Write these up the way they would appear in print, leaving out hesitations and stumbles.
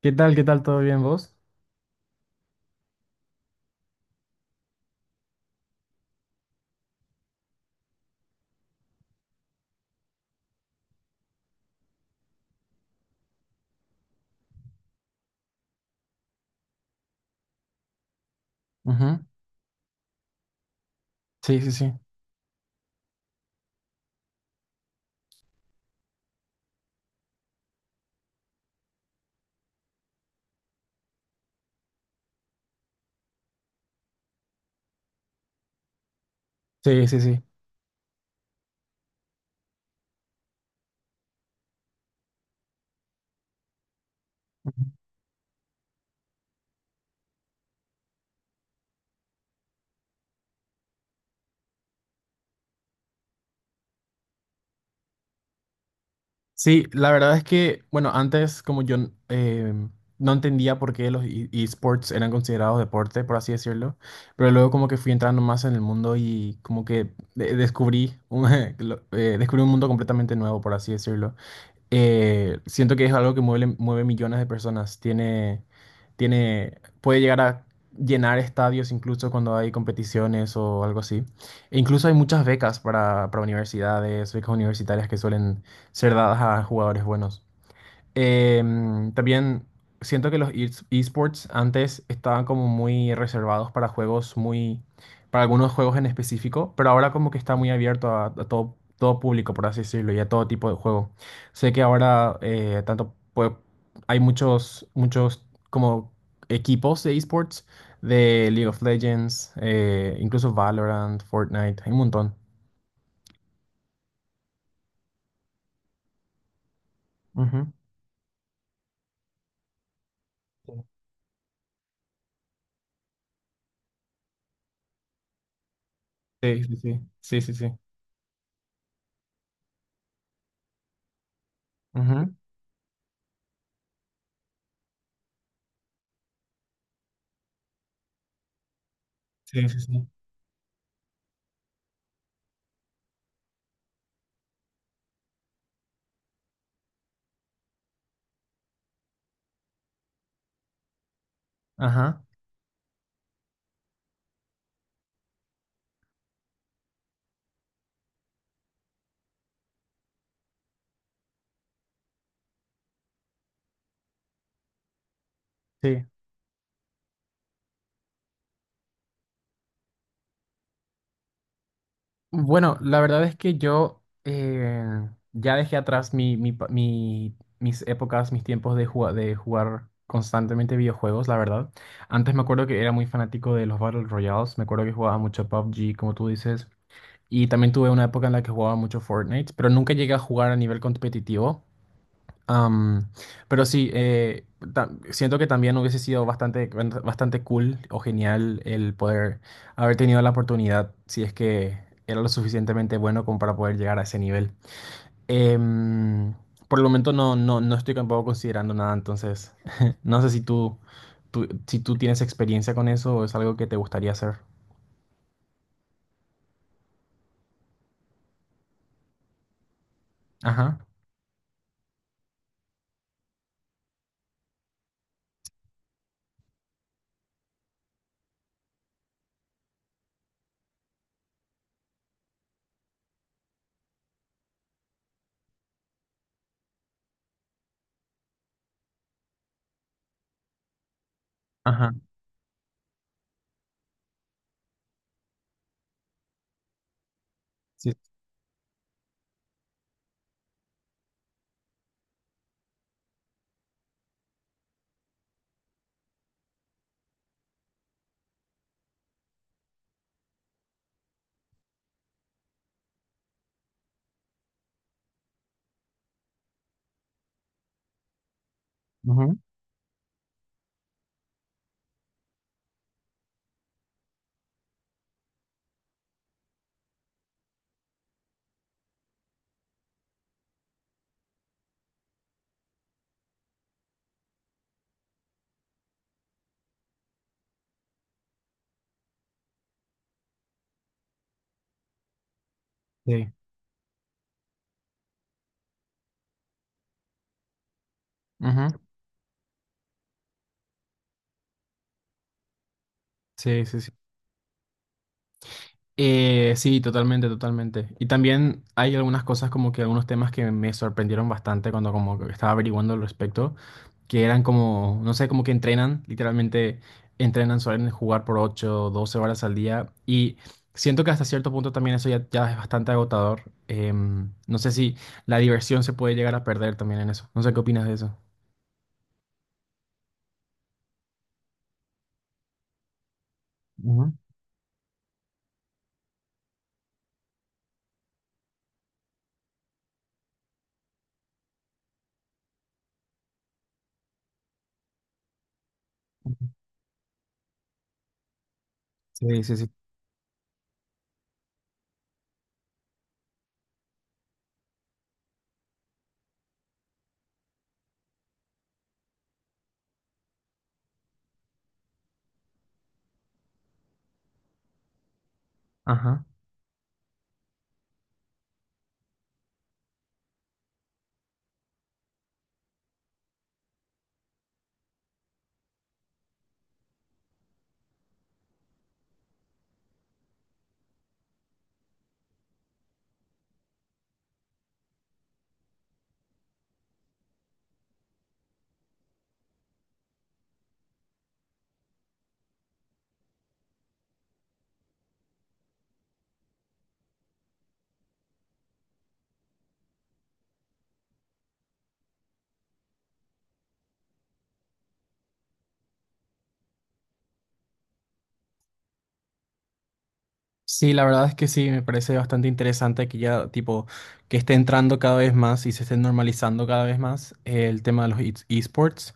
¿Qué tal? ¿Qué tal? ¿Todo bien vos? Ujú. Sí, sí, sí. Sí, sí, sí. Ujú. Sí, la verdad es que, bueno, antes como yo eh, no entendía por qué los esports eran considerados deporte, por así decirlo, pero luego como que fui entrando más en el mundo y como que descubrí un, descubrí un mundo completamente nuevo, por así decirlo. Siento que es algo que mueve, mueve millones de personas. Tiene, puede llegar a llenar estadios incluso cuando hay competiciones o algo así. E incluso hay muchas becas para universidades, becas universitarias que suelen ser dadas a jugadores buenos. También siento que los esports antes estaban como muy reservados para juegos muy, para algunos juegos en específico, pero ahora como que está muy abierto a todo, todo público, por así decirlo, y a todo tipo de juego. Sé que ahora tanto hay muchos, muchos como equipos de esports de League of Legends, incluso Valorant, Fortnite, hay un montón. Ujú. Sí, sí, sí, sí, sí, sí. Ujú. Sí, sí, sí. Ajá. Sí. Bueno, la verdad es que yo ya dejé atrás mi, mis épocas, mis tiempos de, de jugar constantemente videojuegos, la verdad. Antes me acuerdo que era muy fanático de los Battle Royales, me acuerdo que jugaba mucho PUBG, como tú dices, y también tuve una época en la que jugaba mucho Fortnite, pero nunca llegué a jugar a nivel competitivo. Am, pero sí, siento que también hubiese sido bastante, bastante cool o genial el poder haber tenido la oportunidad, si es que era lo suficientemente bueno como para poder llegar a ese nivel. Em, por el momento no estoy tampoco considerando nada, entonces no sé si si tú tienes experiencia con eso o es algo que te gustaría hacer. Ajá, ajá, sí, ujú, sí, ujú, sí, sí, sí. Sí, totalmente, totalmente. Y también hay algunas cosas como que algunos temas que me sorprendieron bastante cuando como que estaba averiguando al respecto, que eran como, no sé, como que entrenan, literalmente entrenan, suelen jugar por ocho, doce 12 horas al día y siento que hasta cierto punto también eso ya, ya es bastante agotador. No sé si la diversión se puede llegar a perder también en eso. No sé qué opinas de eso. Ujú, ujú. Sí, sí, sí. Sí, la verdad es que sí, me parece bastante interesante que ya, tipo, que esté entrando cada vez más y se esté normalizando cada vez más el tema de los esports.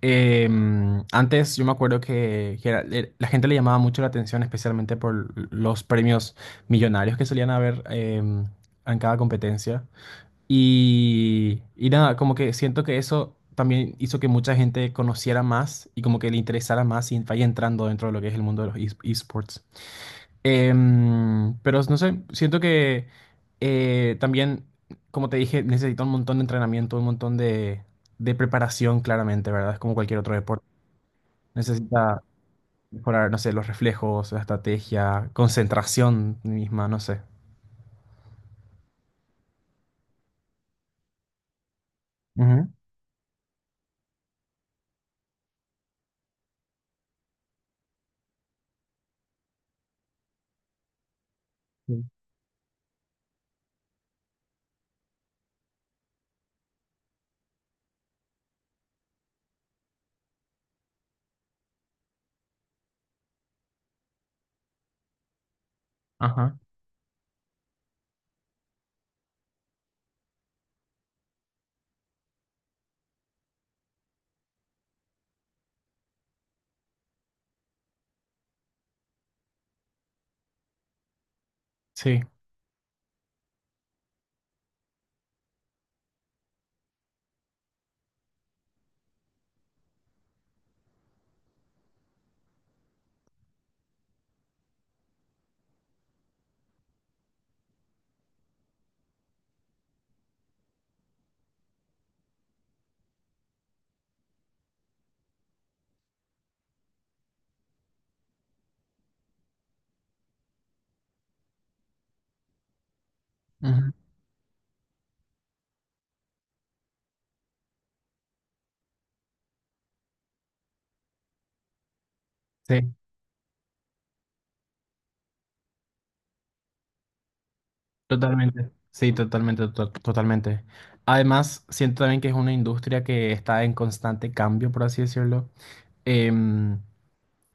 Antes yo me acuerdo que, la gente le llamaba mucho la atención, especialmente por los premios millonarios que solían haber en cada competencia. Y nada, como que siento que eso también hizo que mucha gente conociera más y como que le interesara más y vaya entrando dentro de lo que es el mundo de los esports. Pero no sé, siento que también, como te dije, necesita un montón de entrenamiento, un montón de preparación, claramente, ¿verdad? Es como cualquier otro deporte. Necesita mejorar, no sé, los reflejos, la estrategia, concentración misma, no sé. Ujú. Sí. Ajá, sí, ujú, sí, totalmente. Sí, totalmente, totalmente. Además, siento también que es una industria que está en constante cambio, por así decirlo. Em,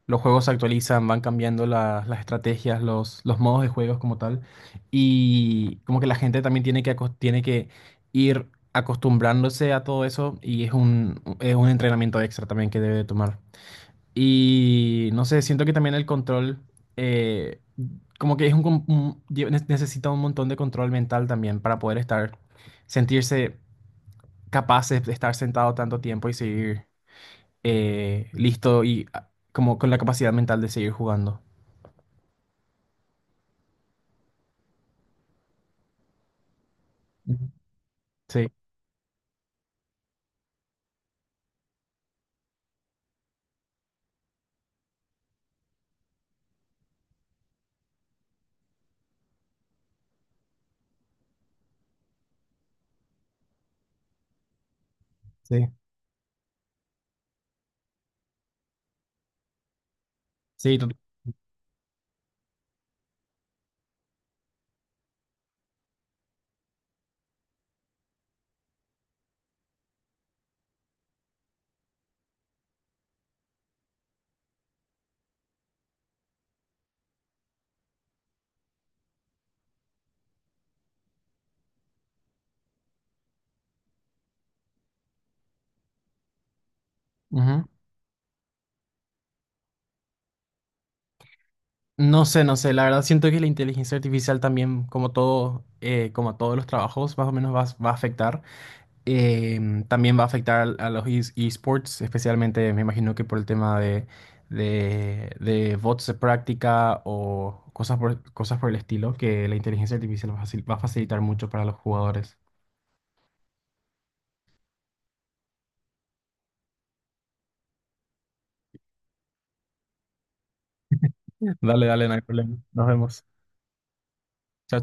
Los juegos se actualizan, van cambiando las estrategias, los modos de juegos como tal. Y como que la gente también tiene que, tiene que ir acostumbrándose a todo eso y es un entrenamiento extra también que debe tomar. Y no sé, siento que también el control, eh, como que es un, necesita un montón de control mental también para poder estar, sentirse capaces de estar sentado tanto tiempo y seguir listo y como con la capacidad mental de seguir jugando. Sí, sí, sí. Ujú. No sé, no sé. La verdad siento que la inteligencia artificial también, como todo, como a todos los trabajos, más o menos va a afectar. También va a afectar a los esports, especialmente me imagino que por el tema de bots de práctica o cosas por, cosas por el estilo, que la inteligencia artificial va a facilitar mucho para los jugadores. Dale, dale, no hay problema. Nos vemos. Chao,